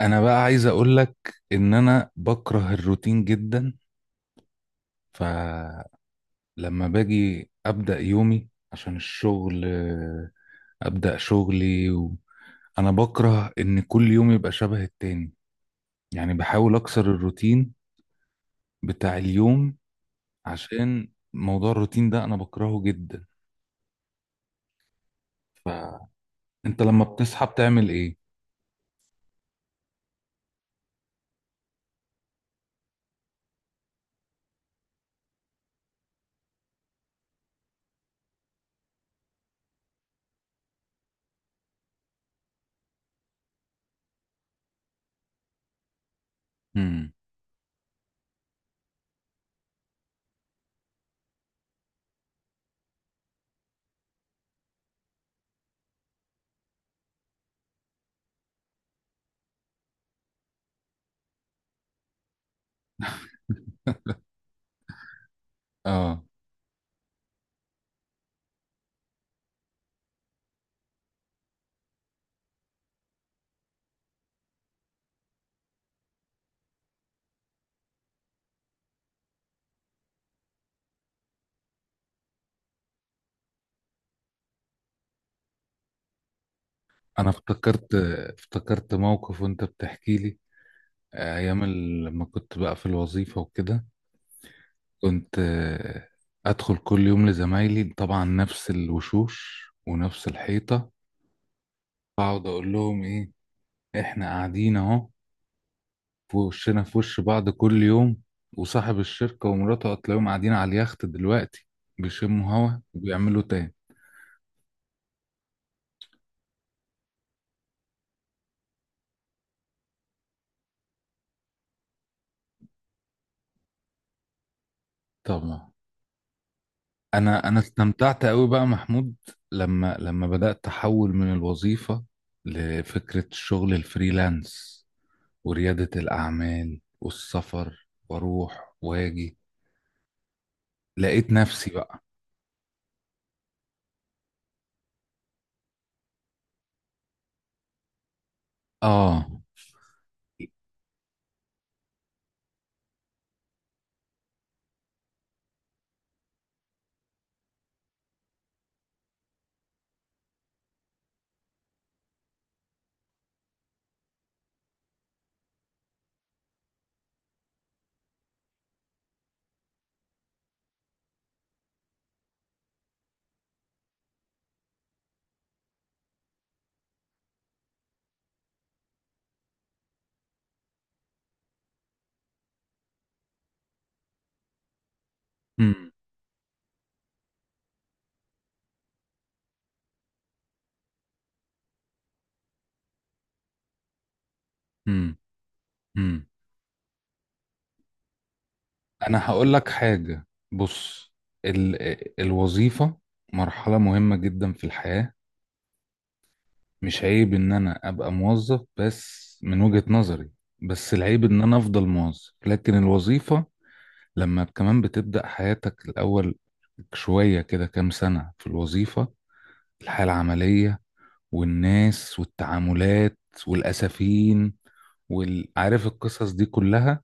انا بقى عايز اقول لك ان انا بكره الروتين جدا. فلما باجي ابدا يومي عشان الشغل، ابدا شغلي. انا بكره ان كل يوم يبقى شبه التاني، يعني بحاول اكسر الروتين بتاع اليوم، عشان موضوع الروتين ده انا بكرهه جدا. فانت لما بتصحى بتعمل ايه؟ امم اه، انا افتكرت موقف وانت بتحكي لي ايام لما كنت بقى في الوظيفة وكده. كنت ادخل كل يوم لزمايلي، طبعا نفس الوشوش ونفس الحيطه، اقعد اقول لهم ايه؟ احنا قاعدين اهو في وشنا في وش بعض كل يوم، وصاحب الشركه ومراته هتلاقيهم قاعدين على اليخت دلوقتي بيشموا هوا وبيعملوا تاني. طبعا. انا انا استمتعت قوي بقى محمود لما بدات احول من الوظيفه لفكره الشغل الفريلانس ورياده الاعمال والسفر واروح واجي. لقيت نفسي بقى. اه. امم. امم. امم، انا هقول لك حاجة. بص، ال... الوظيفة مرحلة مهمة جدا في الحياة. مش عيب ان انا ابقى موظف، بس من وجهة نظري، بس العيب ان انا افضل موظف. لكن الوظيفة لما كمان بتبدأ حياتك الاول شوية كده، كام سنة في الوظيفة، الحياة العملية والناس والتعاملات والأسفين، وعارف القصص دي كلها،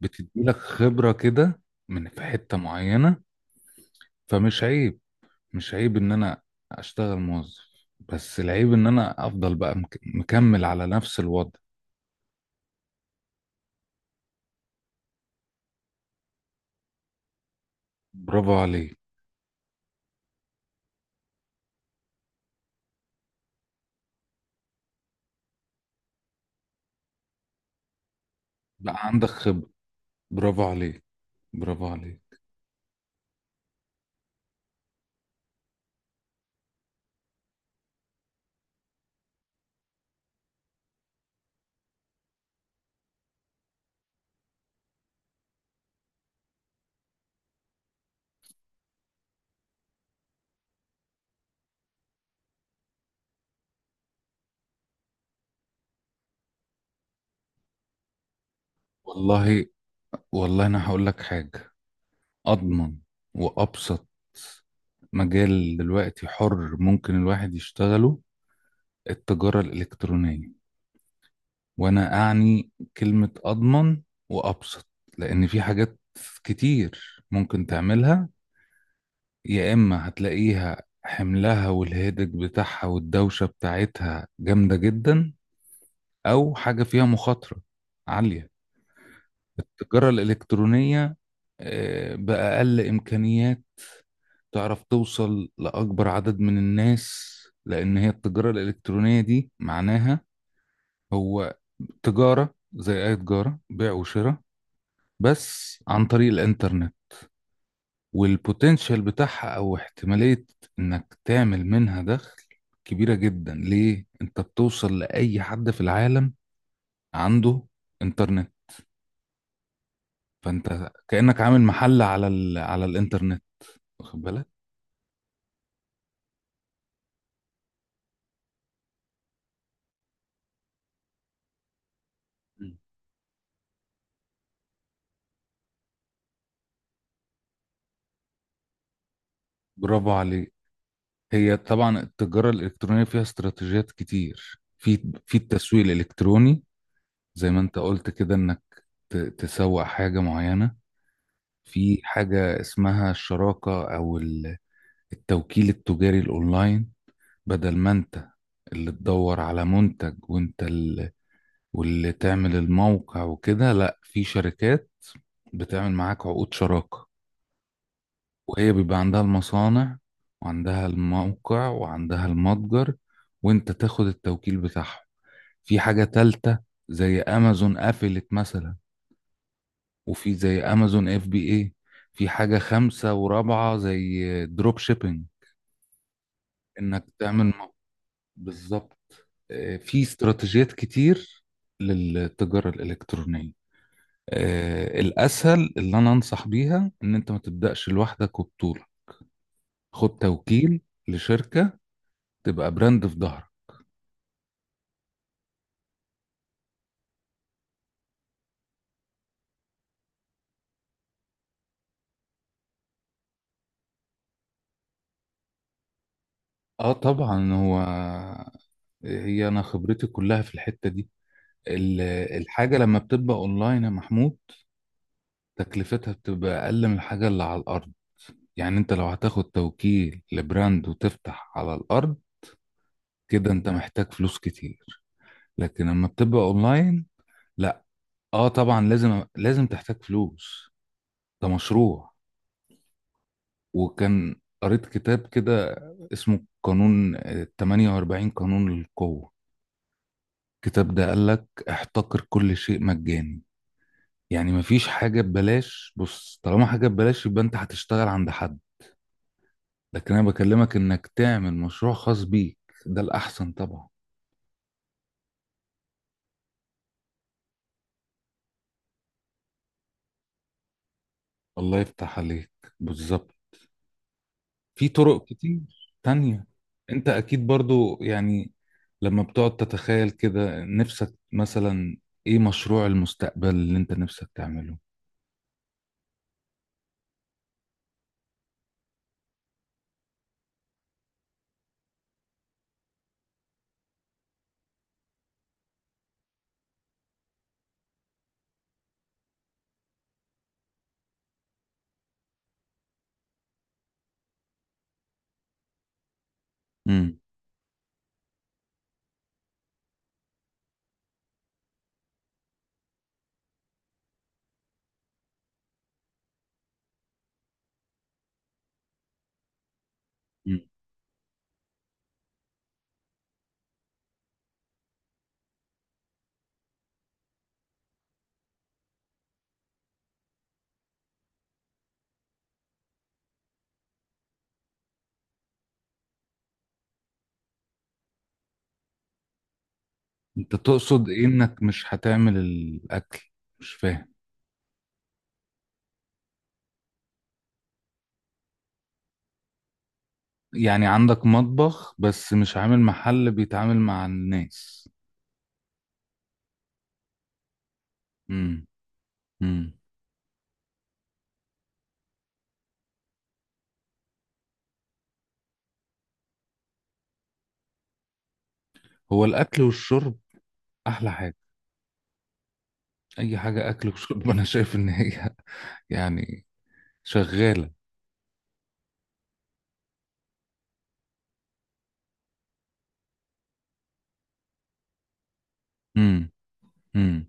بتديلك خبرة كده من في حتة معينة. فمش عيب، مش عيب ان انا اشتغل موظف، بس العيب ان انا افضل بقى مكمل على نفس الوضع. برافو عليك. بقى عندك خبرة، برافو عليك، برافو عليك. والله، انا هقول لك حاجة. اضمن وابسط مجال دلوقتي حر ممكن الواحد يشتغله، التجارة الإلكترونية. وانا اعني كلمة اضمن وابسط، لان في حاجات كتير ممكن تعملها يا اما هتلاقيها حملها والهيدج بتاعها والدوشة بتاعتها جامدة جدا، او حاجة فيها مخاطرة عالية. التجارة الالكترونية بأقل امكانيات تعرف توصل لاكبر عدد من الناس، لان هي التجارة الالكترونية دي معناها هو تجارة زي اي تجارة بيع وشراء، بس عن طريق الانترنت. والبوتنشال بتاعها او احتمالية انك تعمل منها دخل كبيرة جدا، ليه؟ انت بتوصل لأي حد في العالم عنده انترنت. فانت كأنك عامل محل على الانترنت، واخد بالك؟ مم. برافو عليك. هي طبعا التجارة الإلكترونية فيها استراتيجيات كتير في التسويق الإلكتروني، زي ما انت قلت كده، انك تسوق حاجة معينة. في حاجة اسمها الشراكة أو التوكيل التجاري الاونلاين، بدل ما انت اللي تدور على منتج وانت اللي واللي تعمل الموقع وكده. لا، في شركات بتعمل معاك عقود شراكة، وهي بيبقى عندها المصانع وعندها الموقع وعندها المتجر، وانت تاخد التوكيل بتاعهم. في حاجة تالتة زي امازون قفلت مثلا، وفي زي امازون اف بي اي. في حاجة خامسة ورابعة زي دروب شيبينج، انك تعمل بالظبط. في استراتيجيات كتير للتجارة الإلكترونية. الأسهل اللي أنا أنصح بيها إن أنت ما تبدأش لوحدك وبطولة، خد توكيل لشركة تبقى براند في ظهرك. آه، طبعا. هو هي أنا خبرتي كلها في الحتة دي. ال- الحاجة لما بتبقى أونلاين يا محمود، تكلفتها بتبقى أقل من الحاجة اللي على الأرض. يعني أنت لو هتاخد توكيل لبراند وتفتح على الأرض، كده أنت محتاج فلوس كتير. لكن لما بتبقى أونلاين، اه طبعا لازم تحتاج فلوس، ده مشروع. وكان قريت كتاب كده اسمه قانون، 48 قانون للقوة. الكتاب ده قالك احتقر كل شيء مجاني، يعني مفيش حاجة ببلاش. بص، طالما حاجة ببلاش يبقى انت هتشتغل عند حد، لكن انا بكلمك انك تعمل مشروع خاص بيك، ده الاحسن طبعا. الله يفتح عليك. بالظبط. في طرق كتير تانية. انت اكيد برضو، يعني لما بتقعد تتخيل كده نفسك مثلا، ايه مشروع المستقبل اللي انت نفسك تعمله؟ امم. انت تقصد ايه انك مش هتعمل الاكل؟ مش فاهم. يعني عندك مطبخ بس مش عامل محل بيتعامل مع الناس؟ امم. امم. هو الاكل والشرب احلى حاجة. اي حاجة اكل وشرب انا شايف ان هي يعني شغالة. امم. امم.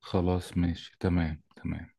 خلاص ماشي، تمام تمام.